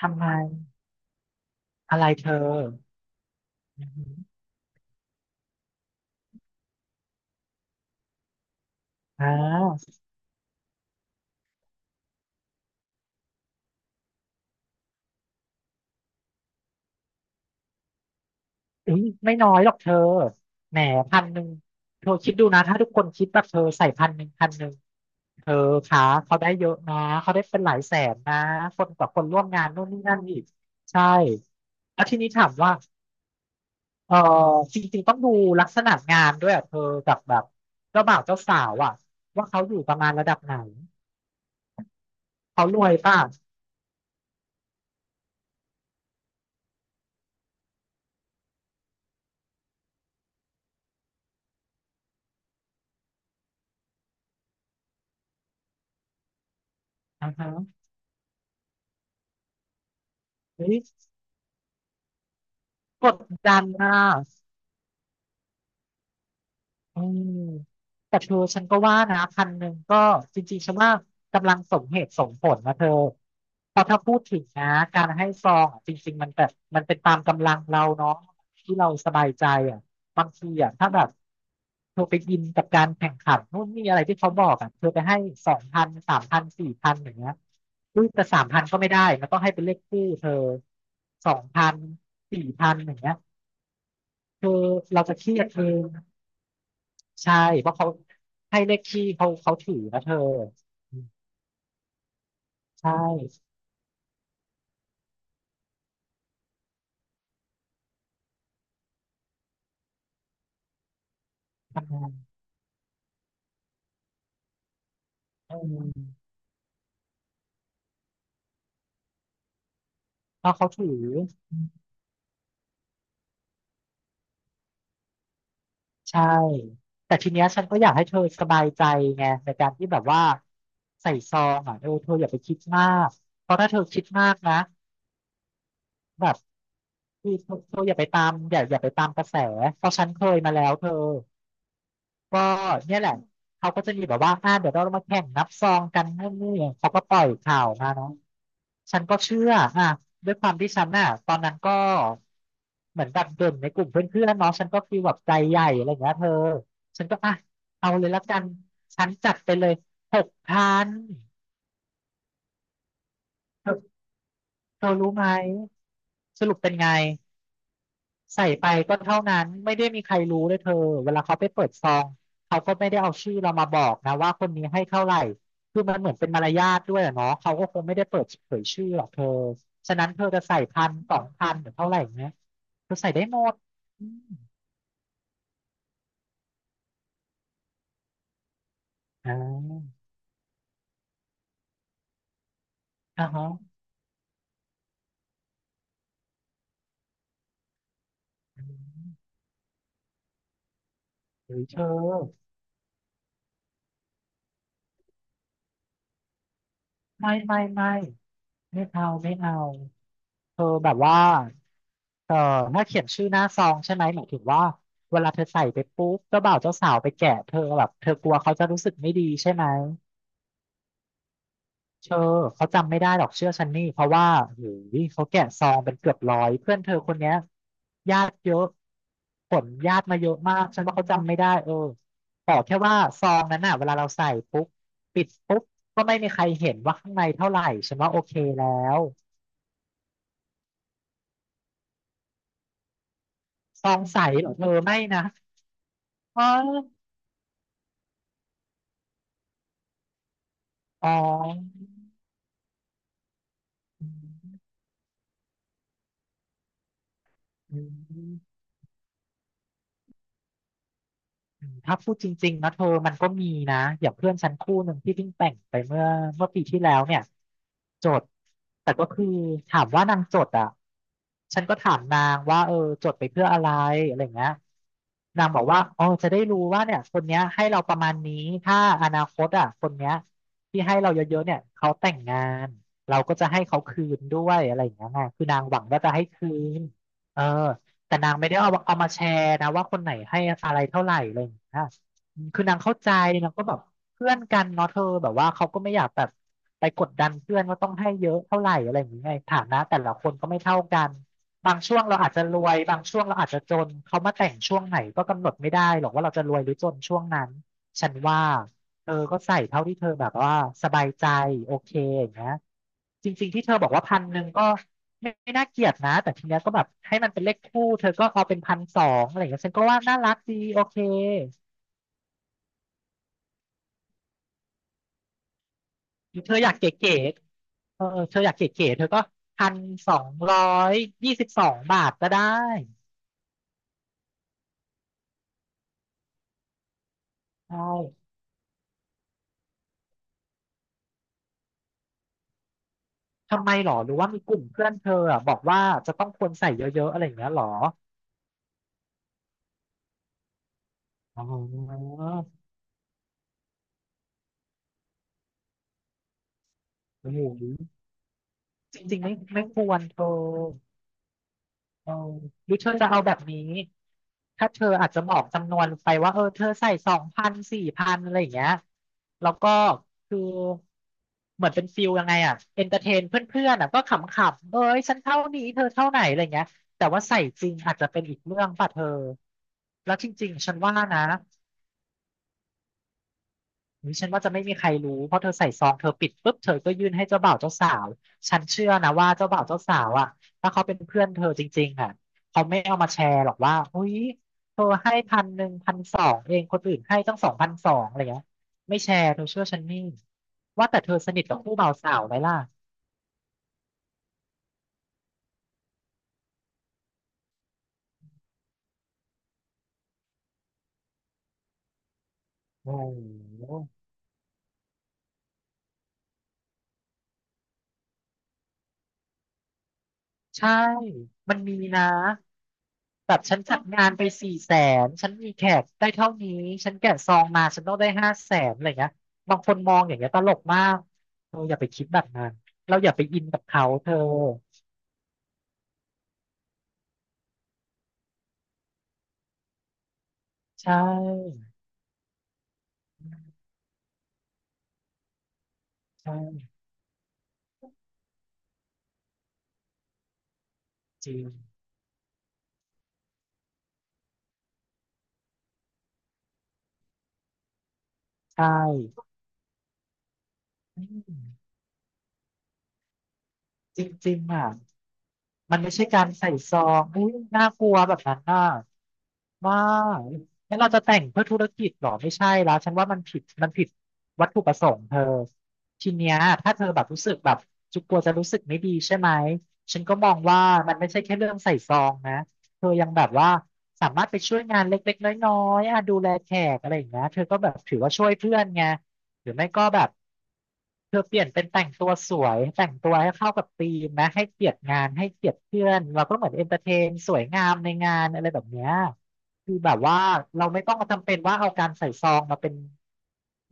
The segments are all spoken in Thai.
ทำไมอะไรเธออือหืออ่าอุ้ยไม่น้อยหรอกเธอแหมพันหนึ่งเธอคิดดูนะถ้าทุกคนคิดแบบเธอใส่พันหนึ่งพันหนึ่งเธอคะเขาได้เยอะนะเขาได้เป็นหลายแสนนะคนกับคนร่วมงานนู่นนี่นั่นอีกใช่ แล้วทีนี้ถามว่าเออจริงๆต้องดูลักษณะงานด้วยอ่ะเธอกับแบบเจ้าบ่าวเจ้าสาวอ่ะว่าเขาอยู่ประมาณระดับไหนเขารวยป่ะอ่าฮะเฮ้ยกดดันนะ เออแต่เธอฉันก็ว่านะพันหนึ่งก็จริงๆฉันว่ากำลังสมเหตุสมผลนะเธอเพราะถ้าพูดถึงนะการให้ซองอะจริงๆมันแบบมันเป็นตามกำลังเราเนาะที่เราสบายใจอ่ะบางทีอ่ะถ้าแบบเธอไปอินกับการแข่งขันนู่นนี่อะไรที่เขาบอกอ่ะเธอไปให้สองพันสามพันสี่พันอย่างเงี้ยอุ้ยแต่สามพันก็ไม่ได้มันต้องให้เป็นเลขคู่เธอสองพันสี่พันอย่างเงี้ยคือเราจะเครียดเอง ใช่เพราะเขาให้เลขที่เขาเขาถือนะเธอใช่ทำงานเออเพราะเขาถือใช่แต่ทีเนี้ยฉันก็อยากให้เธอสบายใจไงในการที่แบบว่าใส่ซองอ่ะเออเธออย่าไปคิดมากเพราะถ้าเธอคิดมากนะแบบคือเธออย่าไปตามอย่าไปตามกระแสเพราะฉันเคยมาแล้วเธอก็เนี่ยแหละเขาก็จะมีแบบว่าเดี๋ยวเรามาแข่งนับซองกันนู่นนี่เขาก็ปล่อยข่าวมาเนาะ ฉันก็เชื่ออ่ะด้วยความที่ฉันน่ะตอนนั้นก็เหมือนแบบเด่นในกลุ่มเพื่อนๆเนาะฉันก็ฟีลแบบใจใหญ่อะไรอย่างเงี้ยเธอฉันก็อ่ะเอาเลยละกัน ฉันจัดไปเลยหกพันเธอเธอรู้ไหมสรุปเป็นไง ใส่ไปก็เท่านั้นไม่ได้มีใครรู้เลยเธอเวลาเขาไปเปิดซองเขาก็ไม่ได้เอาชื่อเรามาบอกนะว่าคนนี้ให้เท่าไหร่คือมันเหมือนเป็นมารยาทด้วยอะเนาะเขาก็คงไม่ได้เปิดเผยชื่อหรอกเธอฉะนั้นเธอจะใส่พันสองพันหรือเท่าไหร่เนี้ยเธอใส่ได้หมดอืมอ่าอ่าฮะอืมเฮ้ยเธอไม่ไม่ไม่ไม่เอาไม่เอาเธอแบบว่า เออถ้าเขียนชื่อหน้าซองใช่ไหมหมายถึงว่าเวลาเธอใส่ไปปุ๊บเจ้าบ่าวเจ้าสาวไปแกะเธอแบบเธอกลัวเขาจะรู้สึกไม่ดีใช่ไหมเธอเขาจำไม่ได้หรอกเชื่อฉันนี่เพราะว่าโอ้ยเขาแกะซองเป็นเกือบร้อยเพื่อนเธอคนเนี้ยญาติเยอะผลญาติมาเยอะมากฉันว่าเขาจำไม่ได้เออขอแค่ว่าซองนั้นน่ะเวลาเราใส่ปุ๊บปิดปุ๊บก็ไม่มีใครเห็นว่าข้างในเท่าไหร่ฉันว่าโอเคแล้วซองใสเหรอเธอไม่นะอ๋ออ๋อ อืมถ้าพูดจริงๆนะเธอมันก็มีนะอย่างเพื่อนฉันคู่หนึ่งที่เพิ่งแต่งไปเมื่อปีที่แล้วเนี่ยจดแต่ก็คือถามว่านางจดอ่ะฉันก็ถามนางว่าเออจดไปเพื่ออะไรอะไรอย่างเงี้ยนางบอกว่าอ๋อจะได้รู้ว่าเนี่ยคนเนี้ยให้เราประมาณนี้ถ้าอนาคตอ่ะคนเนี้ยที่ให้เราเยอะๆเนี่ยเขาแต่งงานเราก็จะให้เขาคืนด้วยอะไรอย่างเงี้ยไงคือนางหวังว่าจะให้คืนเออ แต่นางไม่ได้เอามาแชร์นะว่าคนไหนให้อะไรเท่าไหร่อะไรอย่างเงี้ยอืมคือนางเข้าใจนางก็แบบเพื่อนกันเนาะเธอแบบว่าเขาก็ไม่อยากแบบไปกดดันเพื่อนว่าต้องให้เยอะเท่าไหร่อะไรอย่างเงี้ยฐานะแต่ละคนก็ไม่เท่ากันบางช่วงเราอาจจะรวยบางช่วงเราอาจจะจนเขามาแต่งช่วงไหนก็กำหนดไม่ได้หรอกว่าเราจะรวยหรือจนช่วงนั้นฉันว่าเธอก็ใส่เท่าที่เธอแบบว่าสบายใจโอเคอย่างเงี้ยจริงๆที่เธอบอกว่าพันหนึ่งก็ ไม่ไม่น่าเกลียดนะแต่ทีเนี้ยก็แบบให้มันเป็นเลขคู่เธอก็เอาเป็นพันสองอะไรอย่างเงี้ยฉันก็ว่าน่ารักดีโอเคหรือเธออยากเก๋ๆเออเธออยากเก๋ๆเธอก็1,222 บาทก็ได้ใช่ทำไมหรอ หรือว่ามีกลุ่มเพื่อนเธออะบอกว่าจะต้องควรใส่เยอะๆอะไรอย่างเงี้ยหรออ๋อโอ้โหจริงๆไม่ไม่ควรเธอ เออหรือเธอจะเอาแบบนี้ ถ้าเธออาจจะบอกจำนวนไปว่าเออเธอใส่สองพันสี่พันอะไรอย่างเงี้ยแล้วก็คือเหมือนเป็นฟิลยังไงอ่ะ เอนเตอร์เทนเพื่อนๆอ่ะก็ขำๆเอ้ยฉันเท่านี้เธอเท่าไหนอะไรเงี้ยแต่ว่าใส่จริงอาจจะเป็นอีกเรื่องป่ะเธอ แล้วจริงๆฉันว่านะ อุ๊ยฉันว่าจะไม่มีใครรู้เพราะเธอใส่ซองเธอปิดปุ๊บเธอก็ยื่นให้เจ้าบ่าวเจ้าสาวฉันเชื่อนะว่าเจ้าบ่าวเจ้าสาวอ่ะถ้าเขาเป็นเพื่อนเธอจริงๆอ่ะเขาไม่เอามาแชร์หรอกว่าเฮ้ยเธอให้พันหนึ่งพันสองเองคนอื่นให้ตั้ง2,200อะไรเงี้ยไม่แชร์เธอเชื่อฉันนี่ว่าแต่เธอสนิทกับคู่บ่าวสาวไหมล่ะโอ้โหใช่มันมีนะ แบบฉันจัดงานไป400,000 ฉันมีแขกได้เท่านี้ ฉันแกะซองมา ฉันต้องได้500,000อะไรเงี้ยบางคนมองอย่างเงี้ยตลกมากเธออย่าไปคิดแบบนั้นเราอย่าไปอินกับเขาเธอ ใช่ใช่จริงใช่อืมจริงๆอ่ะมันไม่ใช่การใส่ซองอุ้ยน่ากลัวแบบนั้นอ่ะ ว่างั้นเราจะแต่งเพื่อธุรกิจเหรอไม่ใช่แล้วฉันว่ามันผิดมันผิดวัตถุประสงค์เธอทีเนี้ยถ้าเธอแบบรู้สึกแบบจุกกลัวจะรู้สึกไม่ดีใช่ไหมฉันก็มองว่ามันไม่ใช่แค่เรื่องใส่ซองนะเธอยังแบบว่าสามารถไปช่วยงานเล็กๆน้อยๆอ่ะดูแลแขกอะไรอย่างเงี้ยเธอก็แบบถือว่าช่วยเพื่อนไงหรือไม่ก็แบบ เธอเปลี่ยนเป็นแต่งตัวสวยแต่งตัวให้เข้ากับธีมนะให้เกียรติงานให้เกียรติเพื่อนเราก็เหมือนเอนเตอร์เทนสวยงามในงานอะไรแบบเนี้ยคือแบบว่าเราไม่ต้องมาจำเป็นว่าเอาการใส่ซองมาเป็น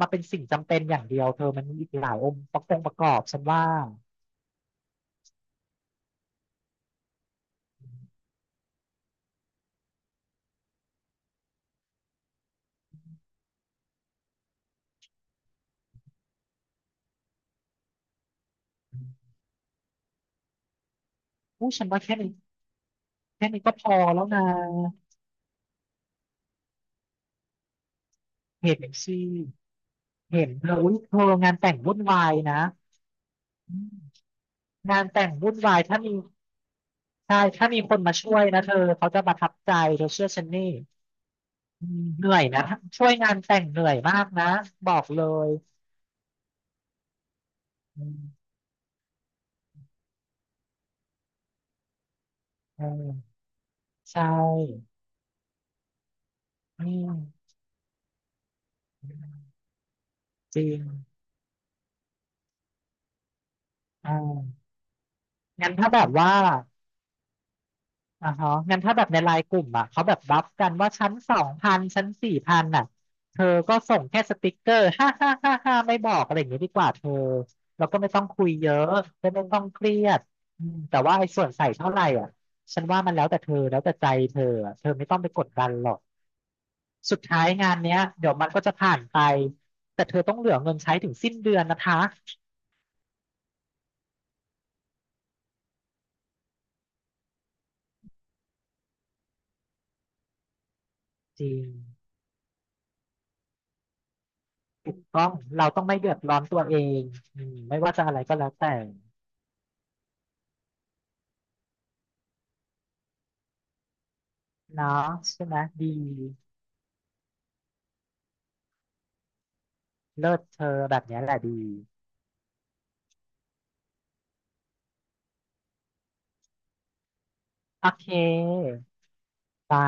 มาเป็นสิ่งจำเป็นอย่างเดียวเธอมันมีอีกหลายองค์ประกอบประกอบฉันว่าอู้ฉันว่าแค่นี้แค่นี้ก็พอแล้วนะเห็นสิเห็นเธออุ้ยเธองานแต่งวุ่นวายนะอืมงานแต่งวุ่นวายถ้ามีใช่ถ้ามีคนมาช่วยนะเธอเขาจะประทับใจเธอเชื่อฉันนี่ อืมเหนื่อยนะช่วยงานแต่งเหนื่อยมากนะบอกเลยอืมเออใช่อืมจริงอ่างั้นถ้าแบบว่าอ่าฮะงั้นถ้าแบบในไลน์กลุ่มอ่ะเขาแบบบัฟกันว่าชั้นสองพันชั้น4,000อ่ะเธอก็ส่งแค่สติกเกอร์ห้าห้าห้าห้าไม่บอกอะไรอย่างเงี้ยดีกว่าเธอแล้วก็ไม่ต้องคุยเยอะไม่ต้องเครียดอืมแต่ว่าไอ้ส่วนใส่เท่าไหร่อ่ะฉันว่ามันแล้วแต่เธอแล้วแต่ใจเธออะเธอไม่ต้องไปกดดันหรอก สุดท้ายงานเนี้ยเดี๋ยวมันก็จะผ่านไปแต่เธอต้องเหลือเงินใช้ถึงสิ้นเดือนนะคะจริงถูกต้องเราต้องไม่เดือดร้อนตัวเองอืมไม่ว่าจะอะไรก็แล้วแต่เนาะใช่ไหมดีเลิศเธอแบบเนี้ยแหละดีโอเคจ้า